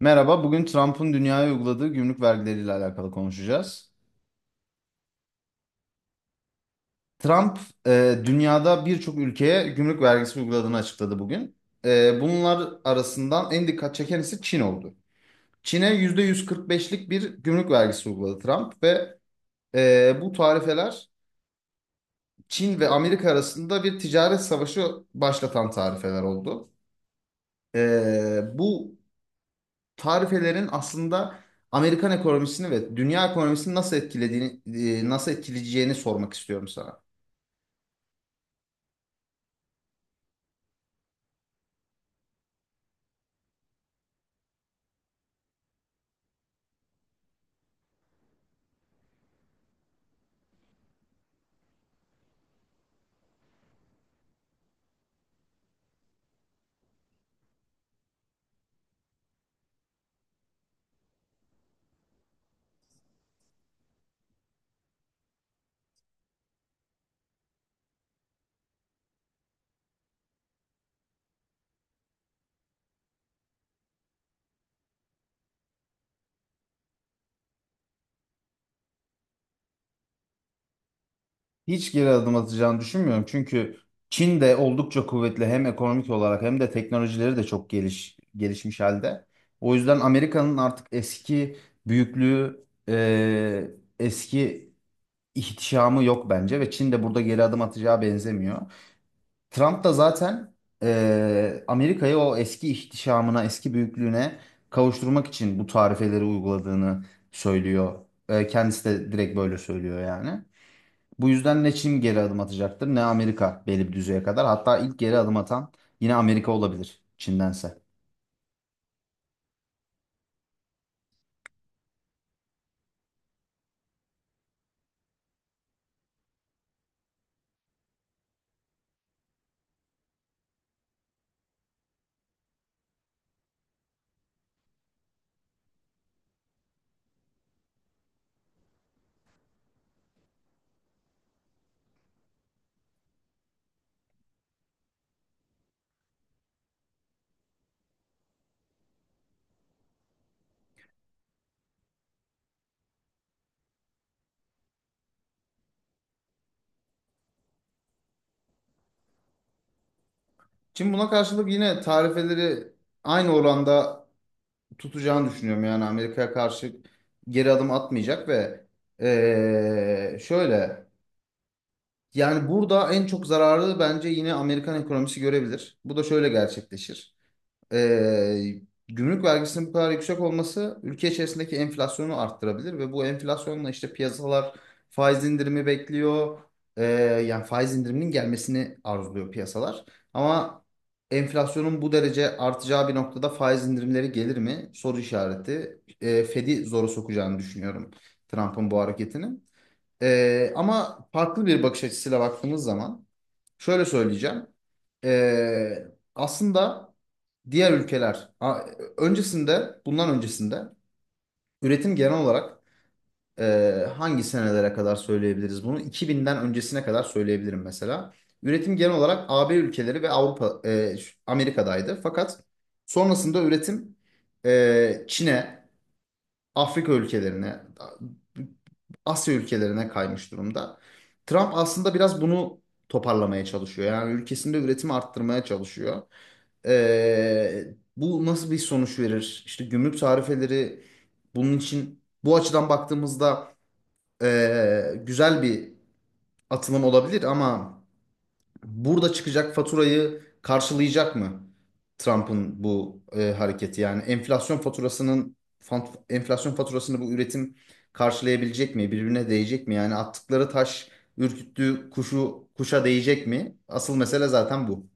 Merhaba, bugün Trump'ın dünyaya uyguladığı gümrük vergileriyle alakalı konuşacağız. Trump, dünyada birçok ülkeye gümrük vergisi uyguladığını açıkladı bugün. Bunlar arasından en dikkat çeken ise Çin oldu. Çin'e %145'lik bir gümrük vergisi uyguladı Trump ve bu tarifeler Çin ve Amerika arasında bir ticaret savaşı başlatan tarifeler oldu. Bu tarifelerin aslında Amerikan ekonomisini ve dünya ekonomisini nasıl etkilediğini, nasıl etkileyeceğini sormak istiyorum sana. Hiç geri adım atacağını düşünmüyorum. Çünkü Çin de oldukça kuvvetli, hem ekonomik olarak hem de teknolojileri de çok gelişmiş halde. O yüzden Amerika'nın artık eski büyüklüğü, eski ihtişamı yok bence ve Çin de burada geri adım atacağı benzemiyor. Trump da zaten Amerika'yı o eski ihtişamına, eski büyüklüğüne kavuşturmak için bu tarifeleri uyguladığını söylüyor. Kendisi de direkt böyle söylüyor yani. Bu yüzden ne Çin geri adım atacaktır ne Amerika, belli bir düzeye kadar. Hatta ilk geri adım atan yine Amerika olabilir Çin'dense. Çin buna karşılık yine tarifeleri aynı oranda tutacağını düşünüyorum. Yani Amerika'ya karşı geri adım atmayacak ve şöyle... Yani burada en çok zararı bence yine Amerikan ekonomisi görebilir. Bu da şöyle gerçekleşir. Ee, Gümrük vergisinin bu kadar yüksek olması ülke içerisindeki enflasyonu arttırabilir ve bu enflasyonla işte piyasalar faiz indirimi bekliyor. Ee, Yani faiz indiriminin gelmesini arzuluyor piyasalar. Ama enflasyonun bu derece artacağı bir noktada faiz indirimleri gelir mi? Soru işareti. Fed'i zora sokacağını düşünüyorum Trump'ın bu hareketini. Ama farklı bir bakış açısıyla baktığımız zaman şöyle söyleyeceğim. Ee, Aslında diğer ülkeler bundan öncesinde üretim genel olarak, e, hangi senelere kadar söyleyebiliriz bunu? 2000'den öncesine kadar söyleyebilirim mesela. Üretim genel olarak AB ülkeleri ve Avrupa, Amerika'daydı. Fakat sonrasında üretim Çin'e, Afrika ülkelerine, Asya ülkelerine kaymış durumda. Trump aslında biraz bunu toparlamaya çalışıyor. Yani ülkesinde üretimi arttırmaya çalışıyor. Ee, Bu nasıl bir sonuç verir? İşte gümrük tarifeleri, bunun için bu açıdan baktığımızda güzel bir atılım olabilir ama burada çıkacak faturayı karşılayacak mı Trump'ın bu hareketi? Yani enflasyon faturasının enflasyon faturasını bu üretim karşılayabilecek mi? Birbirine değecek mi? Yani attıkları taş ürküttüğü kuşu kuşa değecek mi? Asıl mesele zaten bu.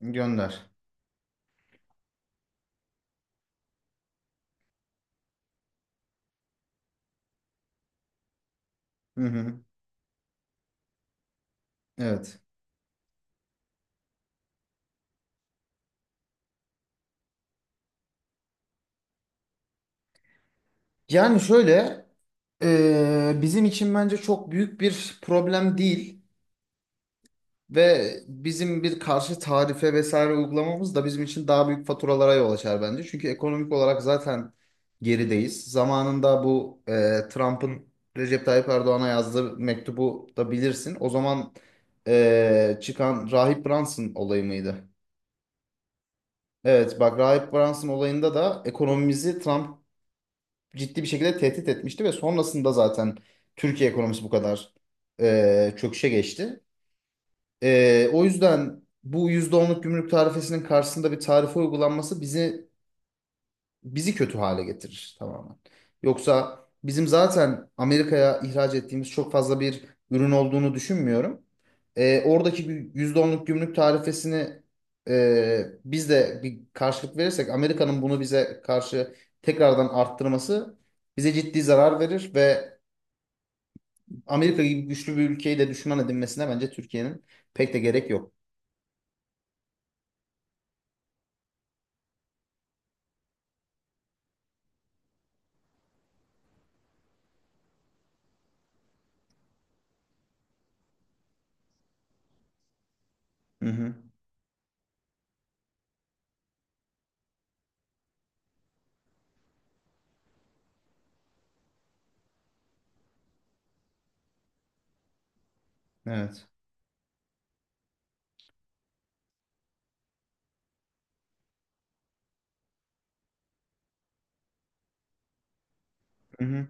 Gönder. Hı hı. Evet. Yani şöyle, bizim için bence çok büyük bir problem değil. Ve bizim bir karşı tarife vesaire uygulamamız da bizim için daha büyük faturalara yol açar bence. Çünkü ekonomik olarak zaten gerideyiz. Zamanında bu, Trump'ın Recep Tayyip Erdoğan'a yazdığı mektubu da bilirsin. O zaman çıkan Rahip Brunson olayı mıydı? Evet, bak, Rahip Brunson olayında da ekonomimizi Trump ciddi bir şekilde tehdit etmişti ve sonrasında zaten Türkiye ekonomisi bu kadar çöküşe geçti. O yüzden bu yüzde onluk gümrük tarifesinin karşısında bir tarife uygulanması bizi kötü hale getirir tamamen. Yoksa bizim zaten Amerika'ya ihraç ettiğimiz çok fazla bir ürün olduğunu düşünmüyorum. Oradaki bir %10'luk gümrük tarifesini biz de bir karşılık verirsek, Amerika'nın bunu bize karşı tekrardan arttırması bize ciddi zarar verir ve Amerika gibi güçlü bir ülkeyi de düşman edinmesine bence Türkiye'nin pek de gerek yok. Hı hı. Evet. Hı hı.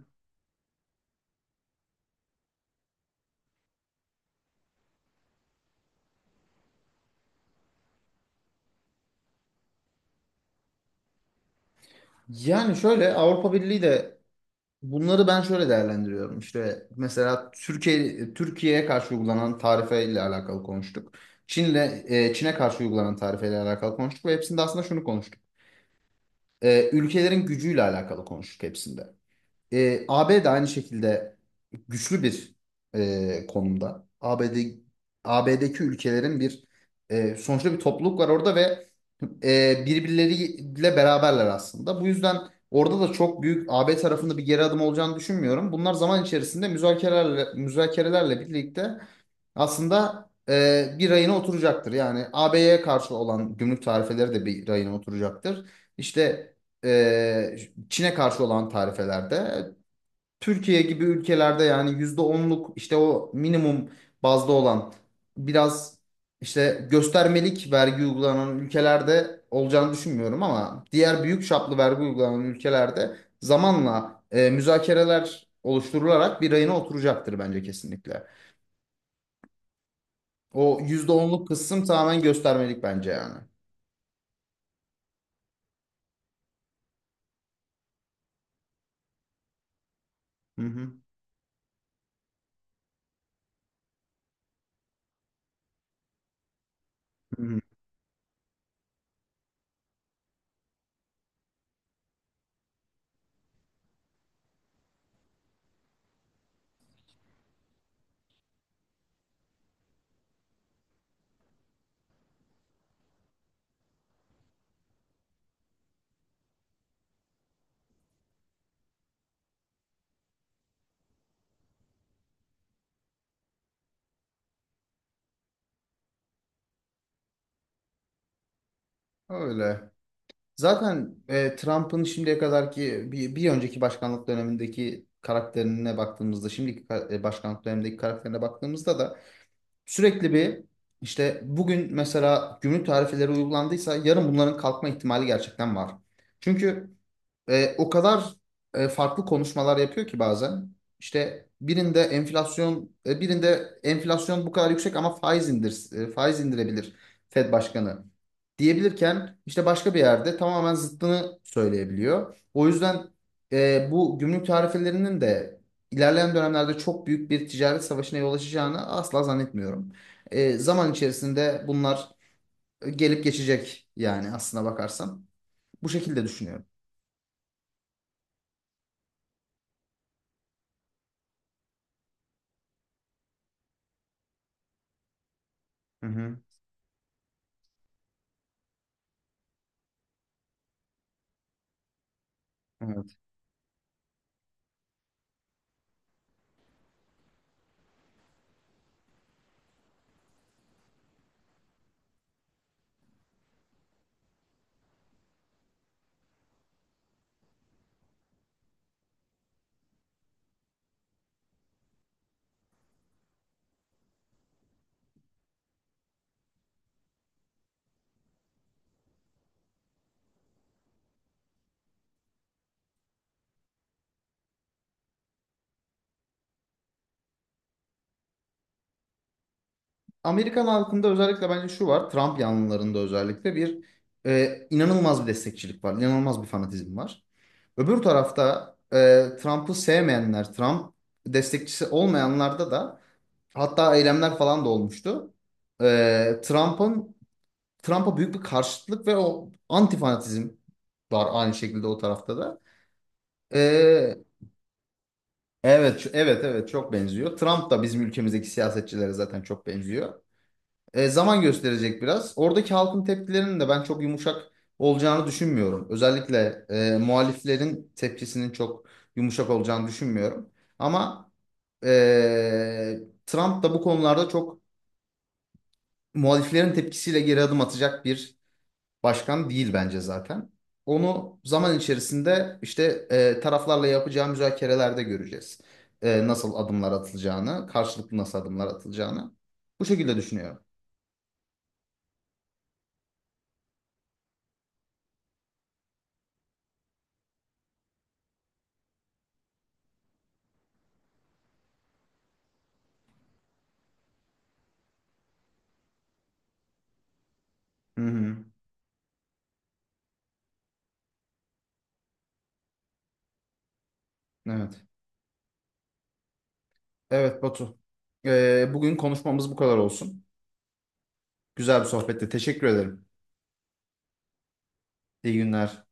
Yani şöyle, Avrupa Birliği de, bunları ben şöyle değerlendiriyorum. İşte mesela Türkiye'ye karşı uygulanan tarifeyle alakalı konuştuk. Çin'le Çin'e karşı uygulanan tarifeyle alakalı konuştuk ve hepsinde aslında şunu konuştuk. Ülkelerin gücüyle alakalı konuştuk hepsinde. AB de aynı şekilde güçlü bir konumda. ABD, AB'deki ülkelerin sonuçta bir topluluk var orada ve birbirleriyle beraberler aslında. Bu yüzden orada da çok büyük AB tarafında bir geri adım olacağını düşünmüyorum. Bunlar zaman içerisinde müzakerelerle birlikte, aslında, bir rayına oturacaktır. Yani AB'ye karşı olan gümrük tarifeleri de bir rayına oturacaktır. İşte e, Çin'e karşı olan tarifelerde, Türkiye gibi ülkelerde, yani %10'luk işte o minimum bazda olan biraz işte göstermelik vergi uygulanan ülkelerde olacağını düşünmüyorum ama diğer büyük çaplı vergi uygulanan ülkelerde zamanla müzakereler oluşturularak bir rayına oturacaktır bence kesinlikle. O %10'luk kısım tamamen göstermelik bence yani. Hı hı. Hı hı. Öyle. Zaten Trump'ın şimdiye kadarki bir önceki başkanlık dönemindeki karakterine baktığımızda, şimdiki başkanlık dönemindeki karakterine baktığımızda da sürekli bir, işte bugün mesela gümrük tarifeleri uygulandıysa yarın bunların kalkma ihtimali gerçekten var. Çünkü o kadar farklı konuşmalar yapıyor ki bazen. İşte birinde enflasyon bu kadar yüksek ama faiz indirebilir Fed Başkanı diyebilirken, işte başka bir yerde tamamen zıttını söyleyebiliyor. O yüzden bu gümrük tarifelerinin de ilerleyen dönemlerde çok büyük bir ticaret savaşına yol açacağını asla zannetmiyorum. Zaman içerisinde bunlar gelip geçecek yani, aslına bakarsan. Bu şekilde düşünüyorum. Hı hı. Evet. Amerikan halkında özellikle bence şu var: Trump yanlılarında özellikle inanılmaz bir destekçilik var. İnanılmaz bir fanatizm var. Öbür tarafta Trump'ı sevmeyenler, Trump destekçisi olmayanlarda da hatta eylemler falan da olmuştu. E, Trump'ın Trump'a büyük bir karşıtlık ve o anti fanatizm var, aynı şekilde o tarafta da. E, evet, evet, evet, çok benziyor. Trump da bizim ülkemizdeki siyasetçilere zaten çok benziyor. Zaman gösterecek biraz. Oradaki halkın tepkilerinin de ben çok yumuşak olacağını düşünmüyorum. Özellikle muhaliflerin tepkisinin çok yumuşak olacağını düşünmüyorum. Ama e, Trump da bu konularda çok, muhaliflerin tepkisiyle geri adım atacak bir başkan değil bence zaten. Onu zaman içerisinde işte taraflarla yapacağı müzakerelerde göreceğiz. Nasıl adımlar atılacağını, karşılıklı nasıl adımlar atılacağını. Bu şekilde düşünüyorum. Hı hı. Evet. Evet Batu. Bugün konuşmamız bu kadar olsun. Güzel bir sohbette. Teşekkür ederim. İyi günler.